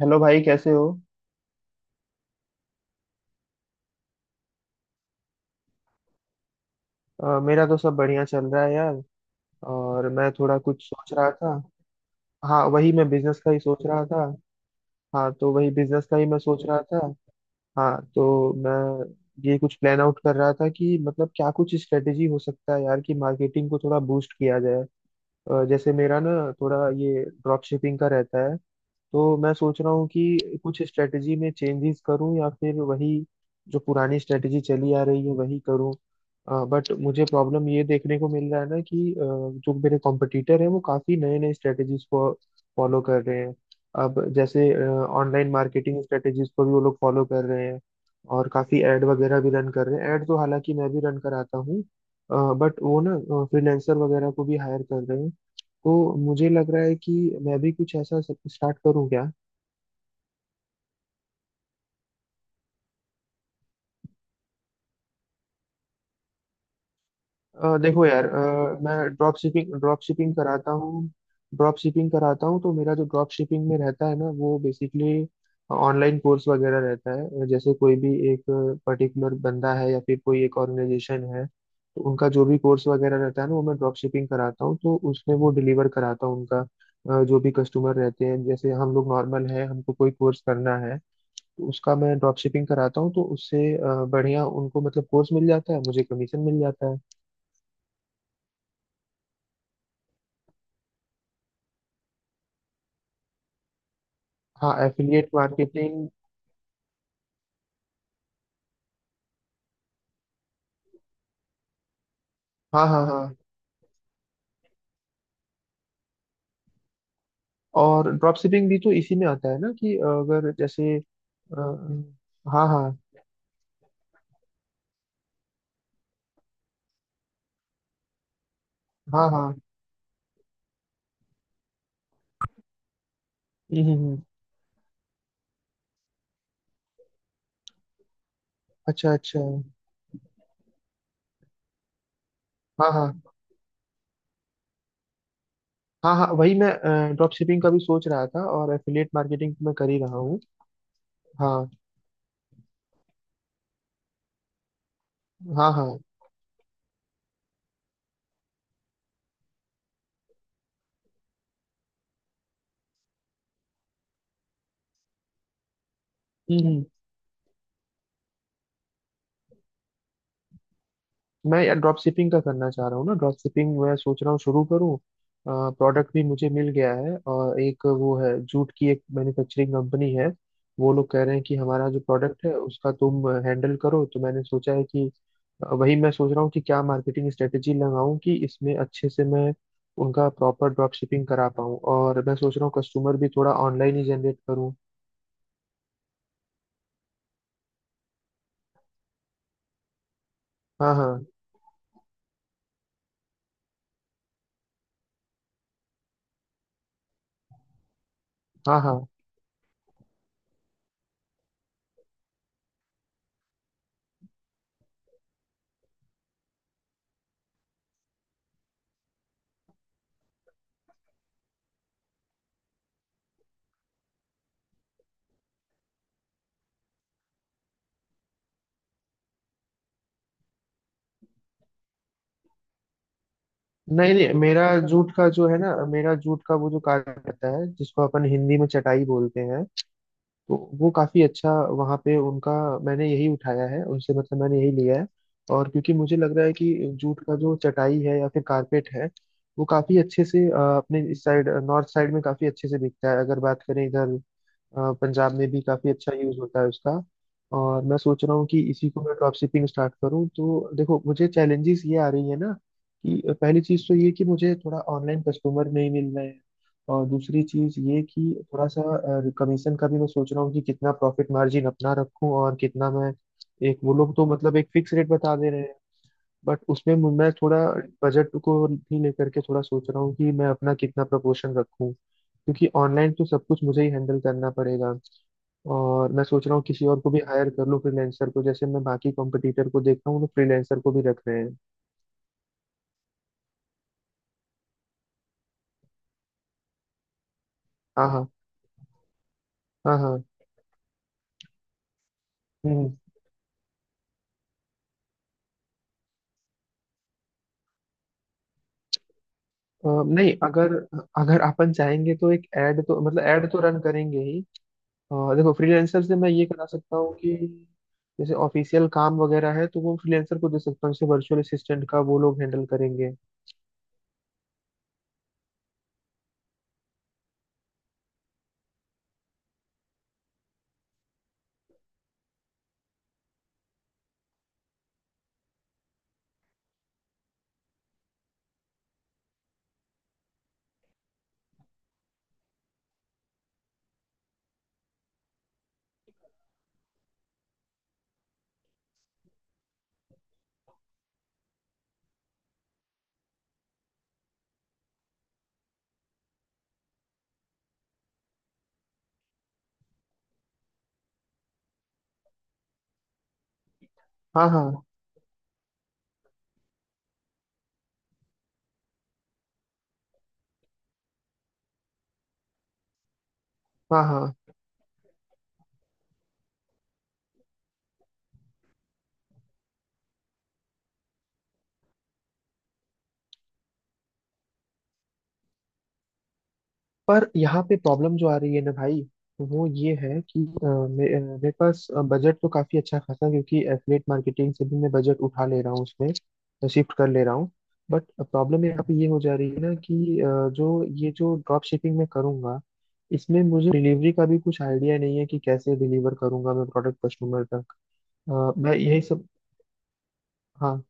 Hello भाई, कैसे हो? मेरा तो सब बढ़िया चल रहा है यार। और मैं थोड़ा कुछ सोच रहा था। हाँ, वही मैं बिजनेस का ही सोच रहा था। हाँ, तो वही बिजनेस का ही मैं सोच रहा था। हाँ, तो मैं ये कुछ प्लान आउट कर रहा था कि मतलब क्या कुछ स्ट्रेटेजी हो सकता है यार, कि मार्केटिंग को थोड़ा बूस्ट किया जाए। जैसे मेरा ना थोड़ा ये ड्रॉप शिपिंग का रहता है। तो मैं सोच रहा हूँ कि कुछ स्ट्रेटजी में चेंजेस करूँ या फिर वही जो पुरानी स्ट्रेटजी चली आ रही है वही करूँ। बट मुझे प्रॉब्लम ये देखने को मिल रहा है ना कि जो मेरे कॉम्पिटिटर हैं वो काफ़ी नए नए स्ट्रेटजीज को फॉलो कर रहे हैं। अब जैसे ऑनलाइन मार्केटिंग स्ट्रेटजीज को भी वो लोग फॉलो कर रहे हैं। और काफ़ी एड वगैरह भी रन कर रहे हैं। एड तो हालांकि मैं भी रन कराता हूँ। बट वो ना, फ्रीलैंसर वगैरह को भी हायर कर रहे हैं। तो मुझे लग रहा है कि मैं भी कुछ ऐसा स्टार्ट करूं क्या? देखो यार, मैं ड्रॉप शिपिंग कराता हूँ। ड्रॉप शिपिंग कराता हूँ, तो मेरा जो ड्रॉप शिपिंग में रहता है ना वो बेसिकली ऑनलाइन कोर्स वगैरह रहता है। जैसे कोई भी एक पर्टिकुलर बंदा है या फिर कोई एक ऑर्गेनाइजेशन है, तो उनका जो भी कोर्स वगैरह रहता है ना वो मैं ड्रॉप शिपिंग कराता हूँ, तो उसमें वो डिलीवर कराता हूँ उनका। जो भी कस्टमर रहते हैं, जैसे हम लोग नॉर्मल है, हमको कोई कोर्स करना है तो उसका मैं ड्रॉप शिपिंग कराता हूँ, तो उससे बढ़िया उनको मतलब कोर्स मिल जाता है, मुझे कमीशन मिल जाता है। हाँ, एफिलिएट मार्केटिंग। हाँ, हाँ, हाँ। और ड्रॉप शिपिंग भी तो इसी में आता है ना कि अगर जैसे अ, हाँ, हाँ। हाँ, हाँ। हम्म, हम्म। अच्छा, अच्छा। हाँ, हाँ, हाँ, हाँ, वही मैं ड्रॉप शिपिंग का भी सोच रहा था और एफिलिएट मार्केटिंग मैं कर ही रहा हूँ। हाँ, हाँ, हाँ। हम्म, हम्म। मैं यार ड्रॉप शिपिंग का करना चाह रहा हूँ ना, ड्रॉप शिपिंग मैं सोच रहा हूँ शुरू करूँ। प्रोडक्ट भी मुझे मिल गया है, और एक वो है, जूट की एक मैन्युफैक्चरिंग कंपनी है। वो लोग कह रहे हैं कि हमारा जो प्रोडक्ट है उसका तुम हैंडल करो, तो मैंने सोचा है कि वही मैं सोच रहा हूँ कि क्या मार्केटिंग स्ट्रेटेजी लगाऊं कि इसमें अच्छे से मैं उनका प्रॉपर ड्रॉप शिपिंग करा पाऊँ। और मैं सोच रहा हूँ कस्टमर भी थोड़ा ऑनलाइन ही जनरेट करूँ। हाँ, हाँ, हाँ, हाँ। नहीं, नहीं, मेरा जूट का जो है ना, मेरा जूट का वो जो कार्ड रहता है, जिसको अपन हिंदी में चटाई बोलते हैं। तो वो काफी अच्छा, वहां पे उनका, मैंने यही उठाया है उनसे, मतलब मैंने यही लिया है। और क्योंकि मुझे लग रहा है कि जूट का जो चटाई है या फिर कारपेट है, वो काफी अच्छे से अपने इस साइड, नॉर्थ साइड में काफी अच्छे से बिकता है अगर बात करें इधर। पंजाब में भी काफी अच्छा यूज होता है उसका। और मैं सोच रहा हूँ कि इसी को मैं ड्रॉप शिपिंग स्टार्ट करूँ, तो देखो मुझे चैलेंजेस ये आ रही है ना, कि पहली चीज तो ये कि मुझे थोड़ा ऑनलाइन कस्टमर नहीं मिल रहे हैं। और दूसरी चीज ये कि थोड़ा सा कमीशन का भी मैं सोच रहा हूँ कि कितना प्रॉफिट मार्जिन अपना रखूं और कितना मैं। एक, वो लोग तो मतलब एक फिक्स रेट बता दे रहे हैं। बट उसमें मैं थोड़ा बजट को भी लेकर के थोड़ा सोच रहा हूँ कि मैं अपना कितना प्रपोर्शन रखूं, क्योंकि ऑनलाइन तो सब कुछ मुझे ही हैंडल करना पड़ेगा। और मैं सोच रहा हूँ किसी और को भी हायर कर लूँ, फ्रीलैंसर को, जैसे मैं बाकी कॉम्पिटिटर को देखता हूँ तो फ्रीलैंसर को भी रख रहे हैं। हाँ, हाँ, हाँ, हाँ। हम्म। नहीं, अगर अगर अपन चाहेंगे तो एक ऐड तो मतलब ऐड तो रन करेंगे ही। देखो, फ्रीलांसर से मैं ये करा सकता हूँ कि जैसे ऑफिशियल काम वगैरह है तो वो फ्रीलांसर को दे सकता हूँ, जैसे वर्चुअल असिस्टेंट का वो लोग हैंडल करेंगे। हाँ, हाँ, हाँ, हाँ। पर यहाँ पे प्रॉब्लम जो आ रही है ना भाई, वो ये है कि मेरे पास बजट तो काफी अच्छा खासा, क्योंकि एफिलेट मार्केटिंग से भी मैं बजट उठा ले रहा हूँ, उसमें शिफ्ट कर ले रहा हूँ। बट प्रॉब्लम यहाँ पे ये हो जा रही है ना कि जो ये जो ड्रॉप शिपिंग मैं करूँगा, इसमें मुझे डिलीवरी का भी कुछ आइडिया नहीं है कि कैसे डिलीवर करूंगा मैं प्रोडक्ट कस्टमर तक। मैं यही सब, हाँ।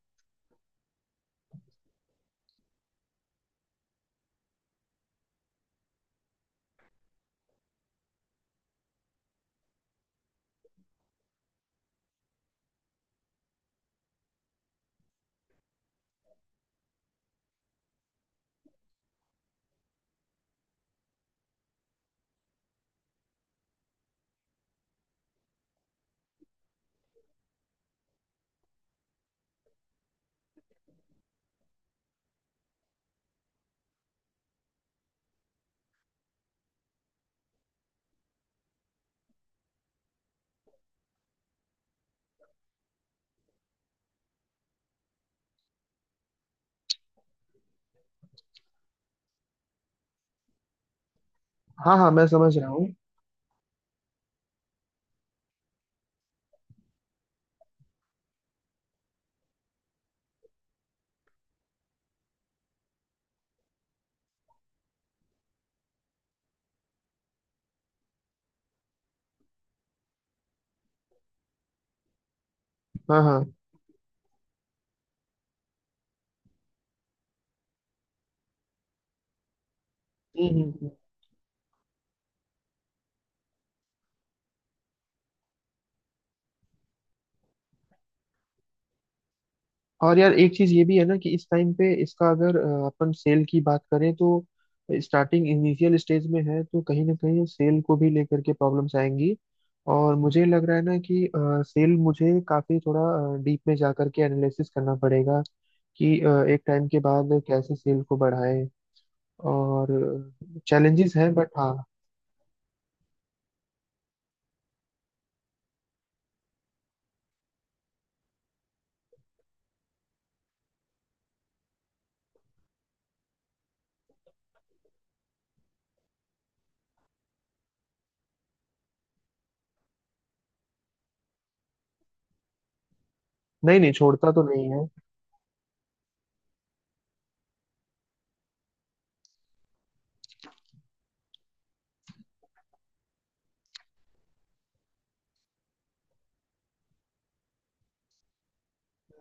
हाँ, हाँ, मैं समझ रहा हूँ। हाँ, हाँ। हम्म, और यार एक चीज ये भी है ना कि इस टाइम पे इसका अगर अपन सेल की बात करें, तो स्टार्टिंग इनिशियल स्टेज में है तो कहीं ना कहीं सेल को भी लेकर के प्रॉब्लम्स आएंगी। और मुझे लग रहा है ना कि सेल मुझे काफी थोड़ा डीप में जा करके एनालिसिस करना पड़ेगा कि एक टाइम के बाद कैसे सेल को बढ़ाएं। और चैलेंजेस हैं बट, हाँ। नहीं, नहीं छोड़ता तो नहीं है।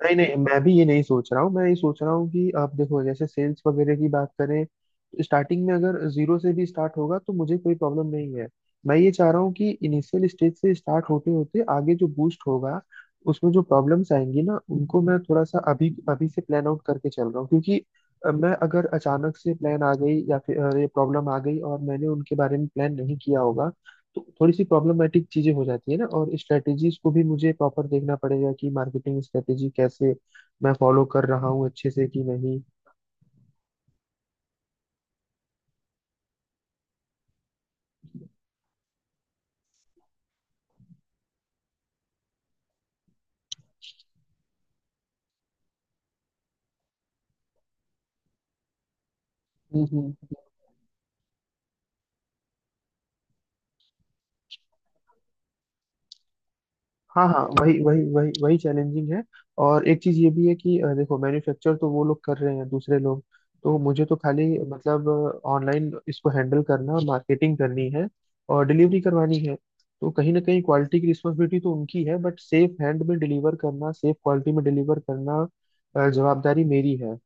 नहीं, नहीं, मैं भी ये नहीं सोच रहा हूँ। मैं ये सोच रहा हूँ कि आप देखो, जैसे सेल्स वगैरह की बात करें तो स्टार्टिंग में अगर जीरो से भी स्टार्ट होगा तो मुझे कोई प्रॉब्लम नहीं है। मैं ये चाह रहा हूँ कि इनिशियल स्टेज से स्टार्ट होते होते आगे जो बूस्ट होगा, उसमें जो प्रॉब्लम्स आएंगी ना, उनको मैं थोड़ा सा अभी अभी से प्लान आउट करके चल रहा हूँ, क्योंकि मैं अगर अचानक से प्लान आ गई या फिर ये प्रॉब्लम आ गई और मैंने उनके बारे में प्लान नहीं किया होगा, तो थोड़ी सी प्रॉब्लमेटिक चीजें हो जाती है ना। और स्ट्रेटेजीज को भी मुझे प्रॉपर देखना पड़ेगा कि मार्केटिंग स्ट्रेटेजी कैसे मैं फॉलो कर रहा हूँ अच्छे से कि नहीं। हम्म। हाँ, हाँ, वही वही वही वही चैलेंजिंग है। और एक चीज ये भी है कि देखो, मैन्युफैक्चर तो वो लोग कर रहे हैं, दूसरे लोग। तो मुझे तो खाली, मतलब ऑनलाइन इसको हैंडल करना और मार्केटिंग करनी है, और डिलीवरी करवानी है। तो कहीं ना कहीं क्वालिटी की रिस्पॉन्सिबिलिटी तो उनकी है, बट सेफ हैंड में डिलीवर करना, सेफ क्वालिटी में डिलीवर करना, जवाबदारी मेरी है।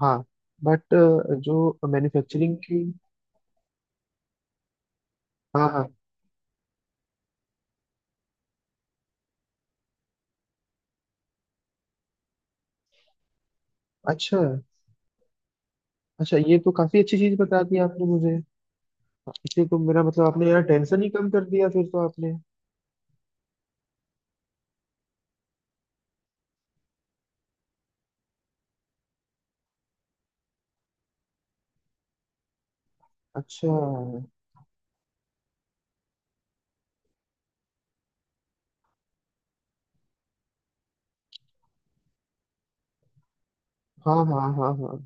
हाँ। बट जो मैन्युफैक्चरिंग की। हाँ, हाँ। अच्छा, अच्छा, ये तो काफी अच्छी चीज बता दी आपने मुझे। इसी को मेरा मतलब, आपने यार टेंशन ही कम कर दिया फिर तो आपने। अच्छा। हाँ, हाँ, हाँ, हाँ।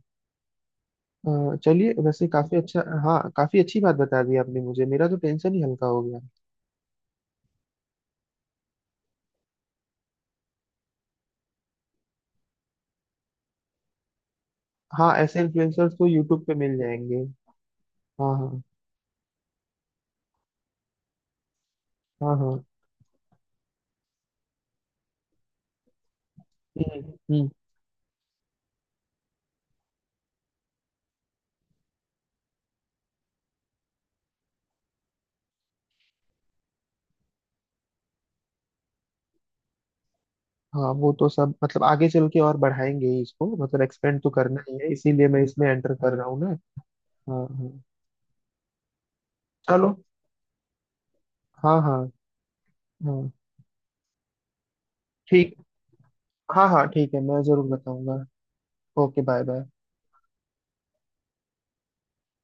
चलिए, वैसे काफी अच्छा, हाँ, काफी अच्छी बात बता दी आपने मुझे, मेरा तो टेंशन ही हल्का हो गया। हाँ, ऐसे इन्फ्लुएंसर्स तो यूट्यूब पे मिल जाएंगे। हाँ, हाँ, हाँ, हाँ। हम्म, हम्म। हाँ, वो तो सब मतलब आगे चल के और बढ़ाएंगे ही इसको, मतलब एक्सपेंड तो करना ही है, इसीलिए मैं इसमें एंटर कर रहा हूँ ना। हाँ, हाँ। चलो। हाँ, हाँ, हाँ। ठीक। हाँ, हाँ, ठीक है, मैं जरूर बताऊंगा। Okay, bye bye.